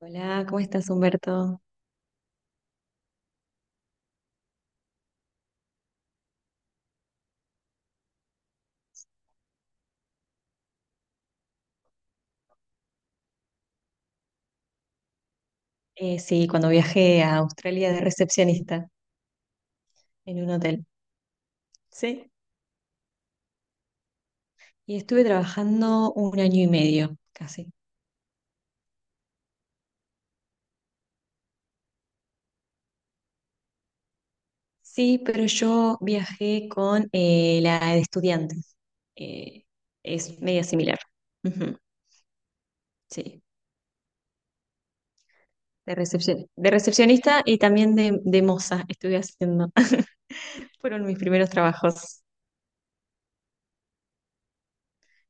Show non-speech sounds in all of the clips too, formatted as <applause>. Hola, ¿cómo estás, Humberto? Sí, cuando viajé a Australia de recepcionista en un hotel. Sí. Y estuve trabajando un año y medio, casi. Sí, pero yo viajé con la de estudiantes. Eh, es media similar. Ujú, sí, de recepción, de recepcionista y también de moza estuve haciendo. <laughs> Fueron mis primeros trabajos.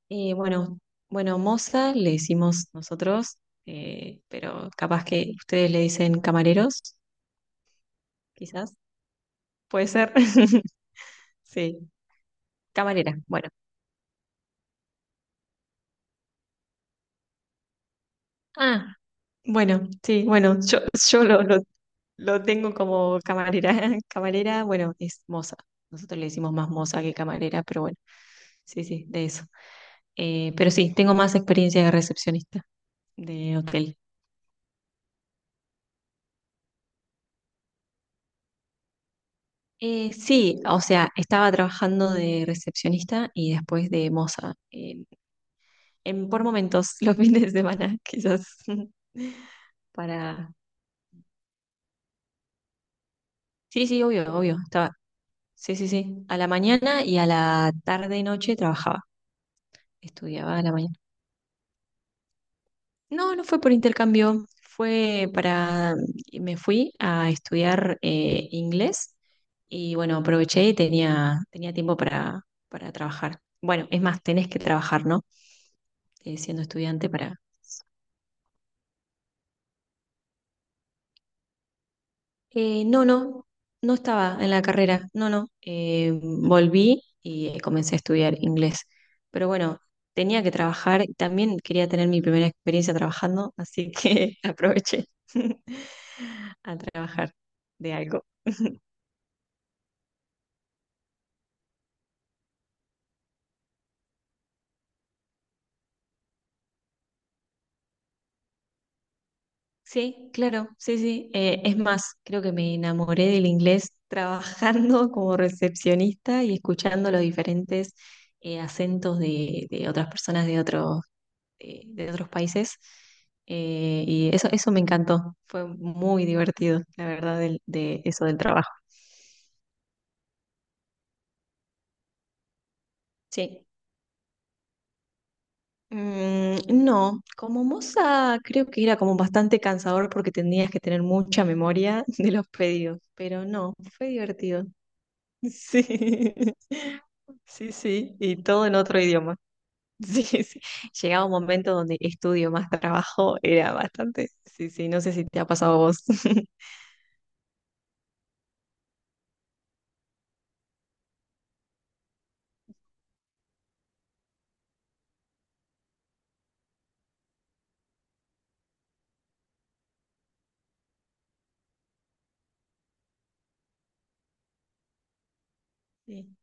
Bueno, bueno, moza le decimos nosotros, pero capaz que ustedes le dicen camareros, quizás, puede ser. <laughs> Sí, camarera, bueno. Ah, bueno, sí, bueno, yo lo tengo como camarera. <laughs> Camarera, bueno, es moza. Nosotros le decimos más moza que camarera, pero bueno, sí, sí, de eso. Pero sí, tengo más experiencia de recepcionista de hotel. Sí, o sea, estaba trabajando de recepcionista y después de moza, por momentos, <laughs> los fines de semana, quizás, <laughs> para... Sí, sí, obvio, obvio, estaba... Sí, sí, sí, a la mañana y a la tarde y noche trabajaba, estudiaba a la mañana. No, no fue por intercambio, fue para... Me fui a estudiar inglés y bueno, aproveché y tenía tiempo para trabajar. Bueno, es más, tenés que trabajar, ¿no? Siendo estudiante para no, no, no estaba en la carrera, no, no. Volví y comencé a estudiar inglés. Pero bueno, tenía que trabajar y también quería tener mi primera experiencia trabajando, así que <laughs> aproveché <laughs> a trabajar de algo. Sí, claro, sí, sí. Es más, creo que me enamoré del inglés trabajando <laughs> como recepcionista y escuchando los diferentes acentos de otras personas de otros países. Y eso me encantó. Fue muy divertido, la verdad, de eso del trabajo. Sí. Mm, no, como moza creo que era como bastante cansador porque tenías que tener mucha memoria <laughs> de los pedidos, pero no, fue divertido. Sí, <laughs> sí, sí, y todo en otro idioma. <laughs> Sí, sí. Llegaba un momento donde estudio más trabajo, era bastante. Sí, sí, no sé si te ha pasado a vos. <laughs> Sí. <laughs>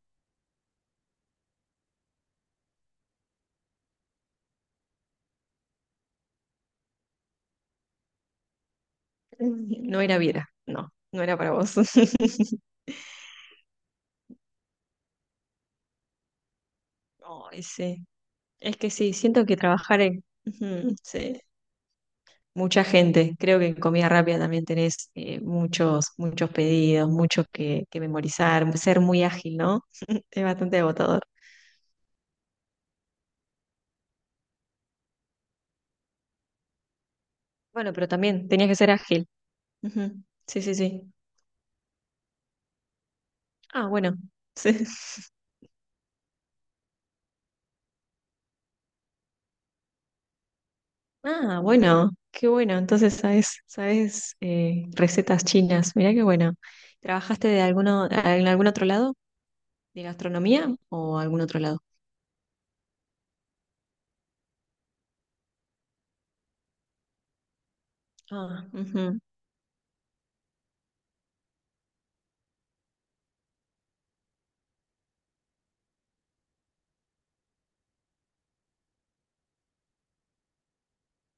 No era vida, no, no era para vos. <laughs> Ay, sí. Es que sí, siento que trabajar en... Ujú, sí. Mucha gente. Creo que en comida rápida también tenés muchos, muchos pedidos, muchos que memorizar, ser muy ágil, ¿no? <laughs> Es bastante agotador. Bueno, pero también tenías que ser ágil. Ujú. Sí, sí, sí. Ah, bueno. Sí. <laughs> Ah, bueno, qué bueno. Entonces sabes recetas chinas. Mirá qué bueno. ¿Trabajaste de alguno, en algún otro lado? ¿De gastronomía o algún otro lado? Ah, ujú,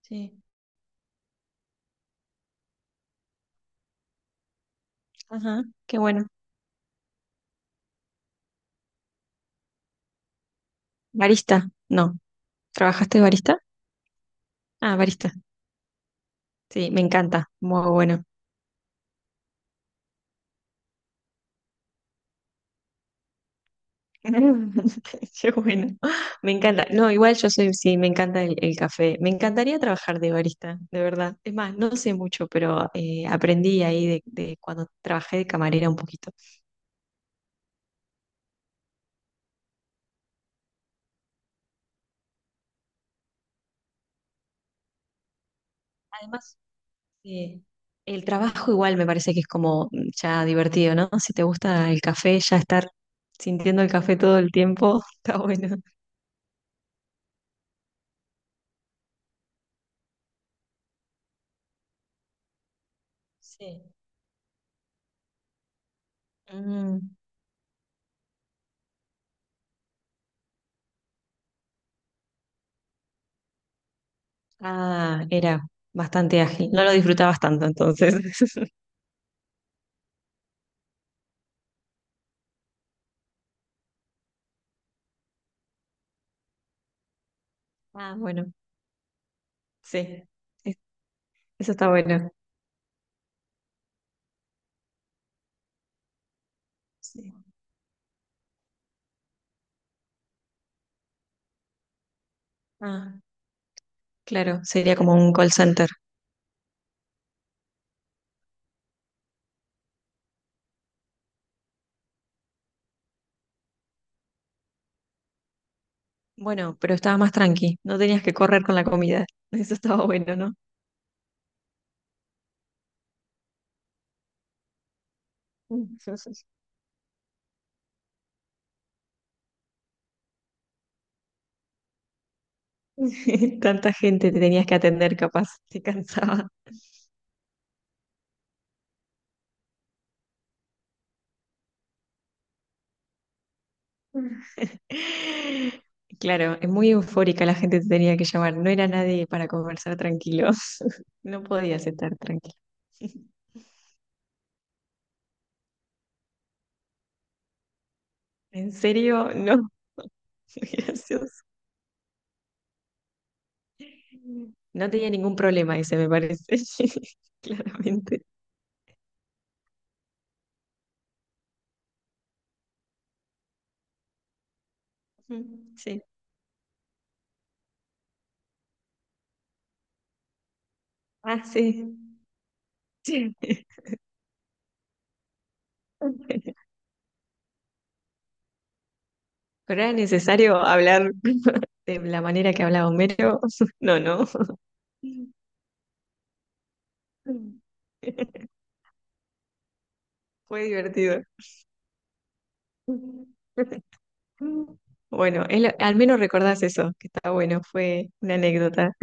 sí. Ajá, qué bueno. Barista, no. ¿Trabajaste de barista? Ah, barista. Sí, me encanta. Muy bueno. <laughs> Qué bueno. Me encanta. No, igual yo soy, sí, me encanta el café. Me encantaría trabajar de barista, de verdad. Es más, no sé mucho, pero aprendí ahí de cuando trabajé de camarera un poquito. Además, eh, el trabajo igual me parece que es como ya divertido, ¿no? Si te gusta el café, ya estar sintiendo el café todo el tiempo, <laughs> está bueno. Sí. Mm. Ah, era bastante ágil. No lo disfrutabas tanto entonces. <laughs> Ah, bueno, sí. Es- Eso está bueno. Sí. Ah, claro, sería como un call center. Bueno, pero estaba más tranqui. No tenías que correr con la comida. <laughs> Eso estaba bueno, ¿no? <laughs> Tanta gente te tenías que atender, capaz, te cansaba. <laughs> Claro, es muy eufórica la gente te tenía que llamar. No era nadie para conversar tranquilo. <laughs> No podías estar tranquilo. <laughs> ¿En serio? No. <laughs> Gracioso. No tenía ningún problema ese, me parece. <laughs> Claramente. Mm, sí. Ah, sí. Sí. <laughs> Pero era necesario hablar <laughs> de la manera que hablaba Homero. <laughs> No, no. <laughs> Fue divertido. Bueno, al menos recordás eso, que está bueno, fue una anécdota.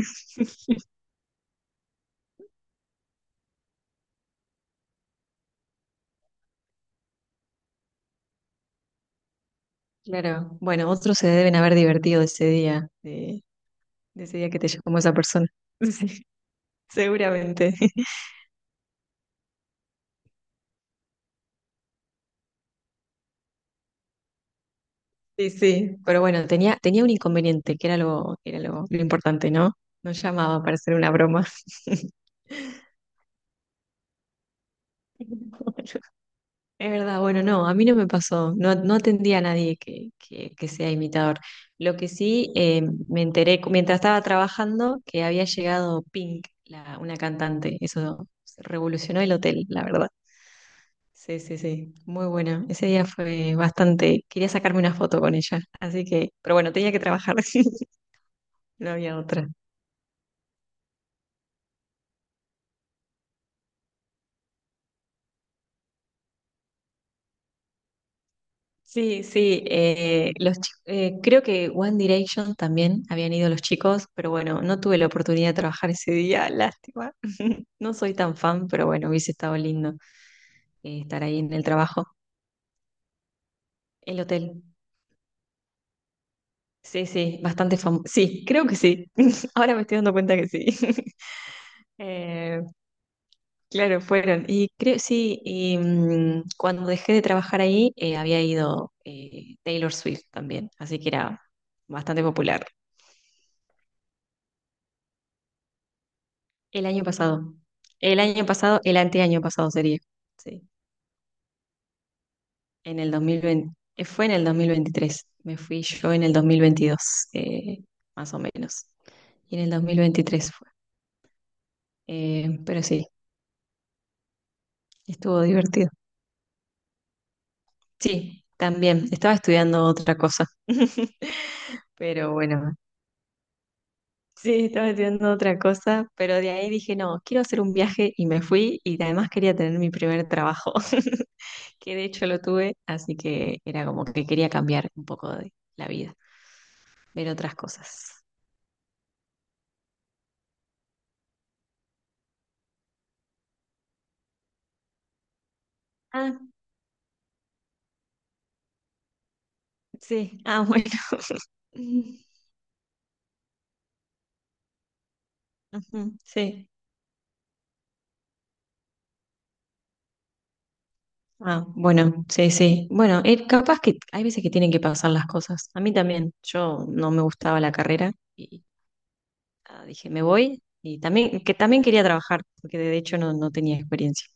Claro, bueno, otros se deben haber divertido ese día, de ese día que te llamó esa persona. <laughs> Sí, seguramente. Sí, sí, pero bueno, tenía un inconveniente, que era lo, que era lo importante, ¿no? No llamaba para hacer una broma. <laughs> Bueno, es verdad, bueno, no, a mí no me pasó, no, no atendí a nadie que sea imitador. Lo que sí me enteré mientras estaba trabajando que había llegado Pink, una cantante, eso revolucionó el hotel, la verdad. Sí, sí, sí, muy buena. Ese día fue bastante, quería sacarme una foto con ella, así que, pero bueno, tenía que trabajar, <laughs> no había otra. Sí, sí, creo que One Direction también habían ido los chicos, pero bueno, no tuve la oportunidad de trabajar ese día, <laughs> lástima. <laughs> No soy tan fan, pero bueno, hubiese estado lindo estar ahí en el trabajo. El hotel, sí, sí, bastante famoso. Sí, creo que sí. <laughs> Ahora me estoy dando cuenta que sí. <laughs> Eh, claro, fueron. Y creo, sí, y cuando dejé de trabajar ahí, había ido Taylor Swift también, así que era bastante popular. El año pasado. El año pasado, el anteaño pasado sería. Sí. En el 2020. Fue en el 2023. Me fui yo en el 2022, eh, más o menos. Y en el 2023 fue. Pero sí, estuvo divertido. Sí, también. Estaba estudiando otra cosa. <laughs> Pero bueno, sí, estaba estudiando otra cosa. Pero de ahí dije, no, quiero hacer un viaje y me fui. Y además quería tener mi primer trabajo. <laughs> Que de hecho lo tuve, así que era como que quería cambiar un poco de la vida, ver otras cosas. Ah, sí, ah, bueno. <laughs> Ujú, sí. Ah, bueno, sí, sí. Bueno, capaz que hay veces que tienen que pasar las cosas. A mí también, yo no me gustaba la carrera y dije, me voy. Y también, que también quería trabajar, porque de hecho no, no tenía experiencia.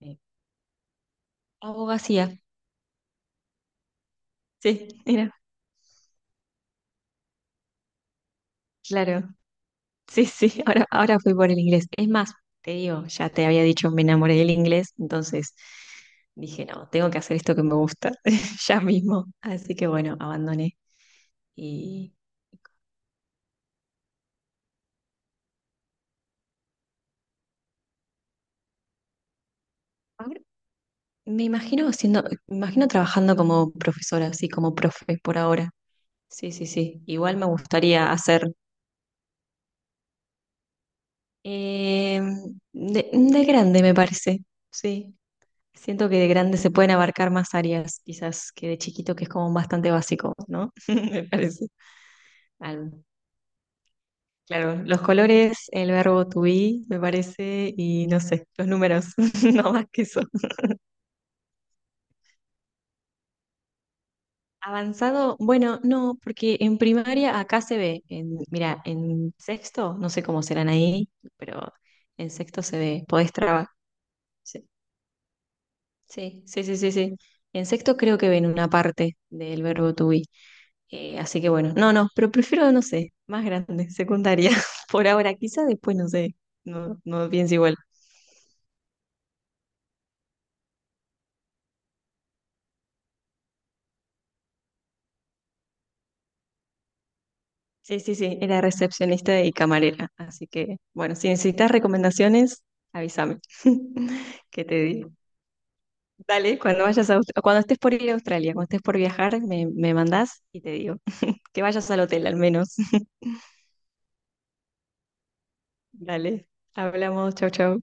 Eh, Abogacía, sí, era, claro. Sí, sí, <laughs> ahora, ahora fui por el inglés. Es más, te digo, ya te había dicho, me enamoré del inglés, entonces dije, no, tengo que hacer esto que me gusta <laughs> ya mismo. Así que bueno, abandoné. Y ahora me imagino trabajando como profesora, así como profe por ahora. Sí, sí, sí. Igual me gustaría hacer eh, de grande, me parece. Sí. Siento que de grande se pueden abarcar más áreas, quizás que de chiquito, que es como bastante básico, ¿no? <laughs> Me parece. Al- claro, los colores, el verbo to be, me parece, y no sé, los números, <laughs> no más que eso. Avanzado, bueno, no, porque en primaria acá se ve, mira, en sexto, no sé cómo serán ahí, pero en sexto se ve, podés trabajar. Sí, sí, sí, sí, sí. Sí. En sexto creo que ven una parte del verbo to be. Así que bueno, no, no, pero prefiero, no sé, más grande, secundaria, <laughs> por ahora, quizá después, no sé, no, no pienso igual. Sí, sí, sí, era recepcionista y camarera, así que bueno, si necesitas recomendaciones, avísame, <laughs> que te digo. Dale, cuando estés por ir a Australia, cuando estés por viajar, me mandás y te digo, <laughs> que vayas al hotel al menos. <laughs> Dale, hablamos, chau, chau.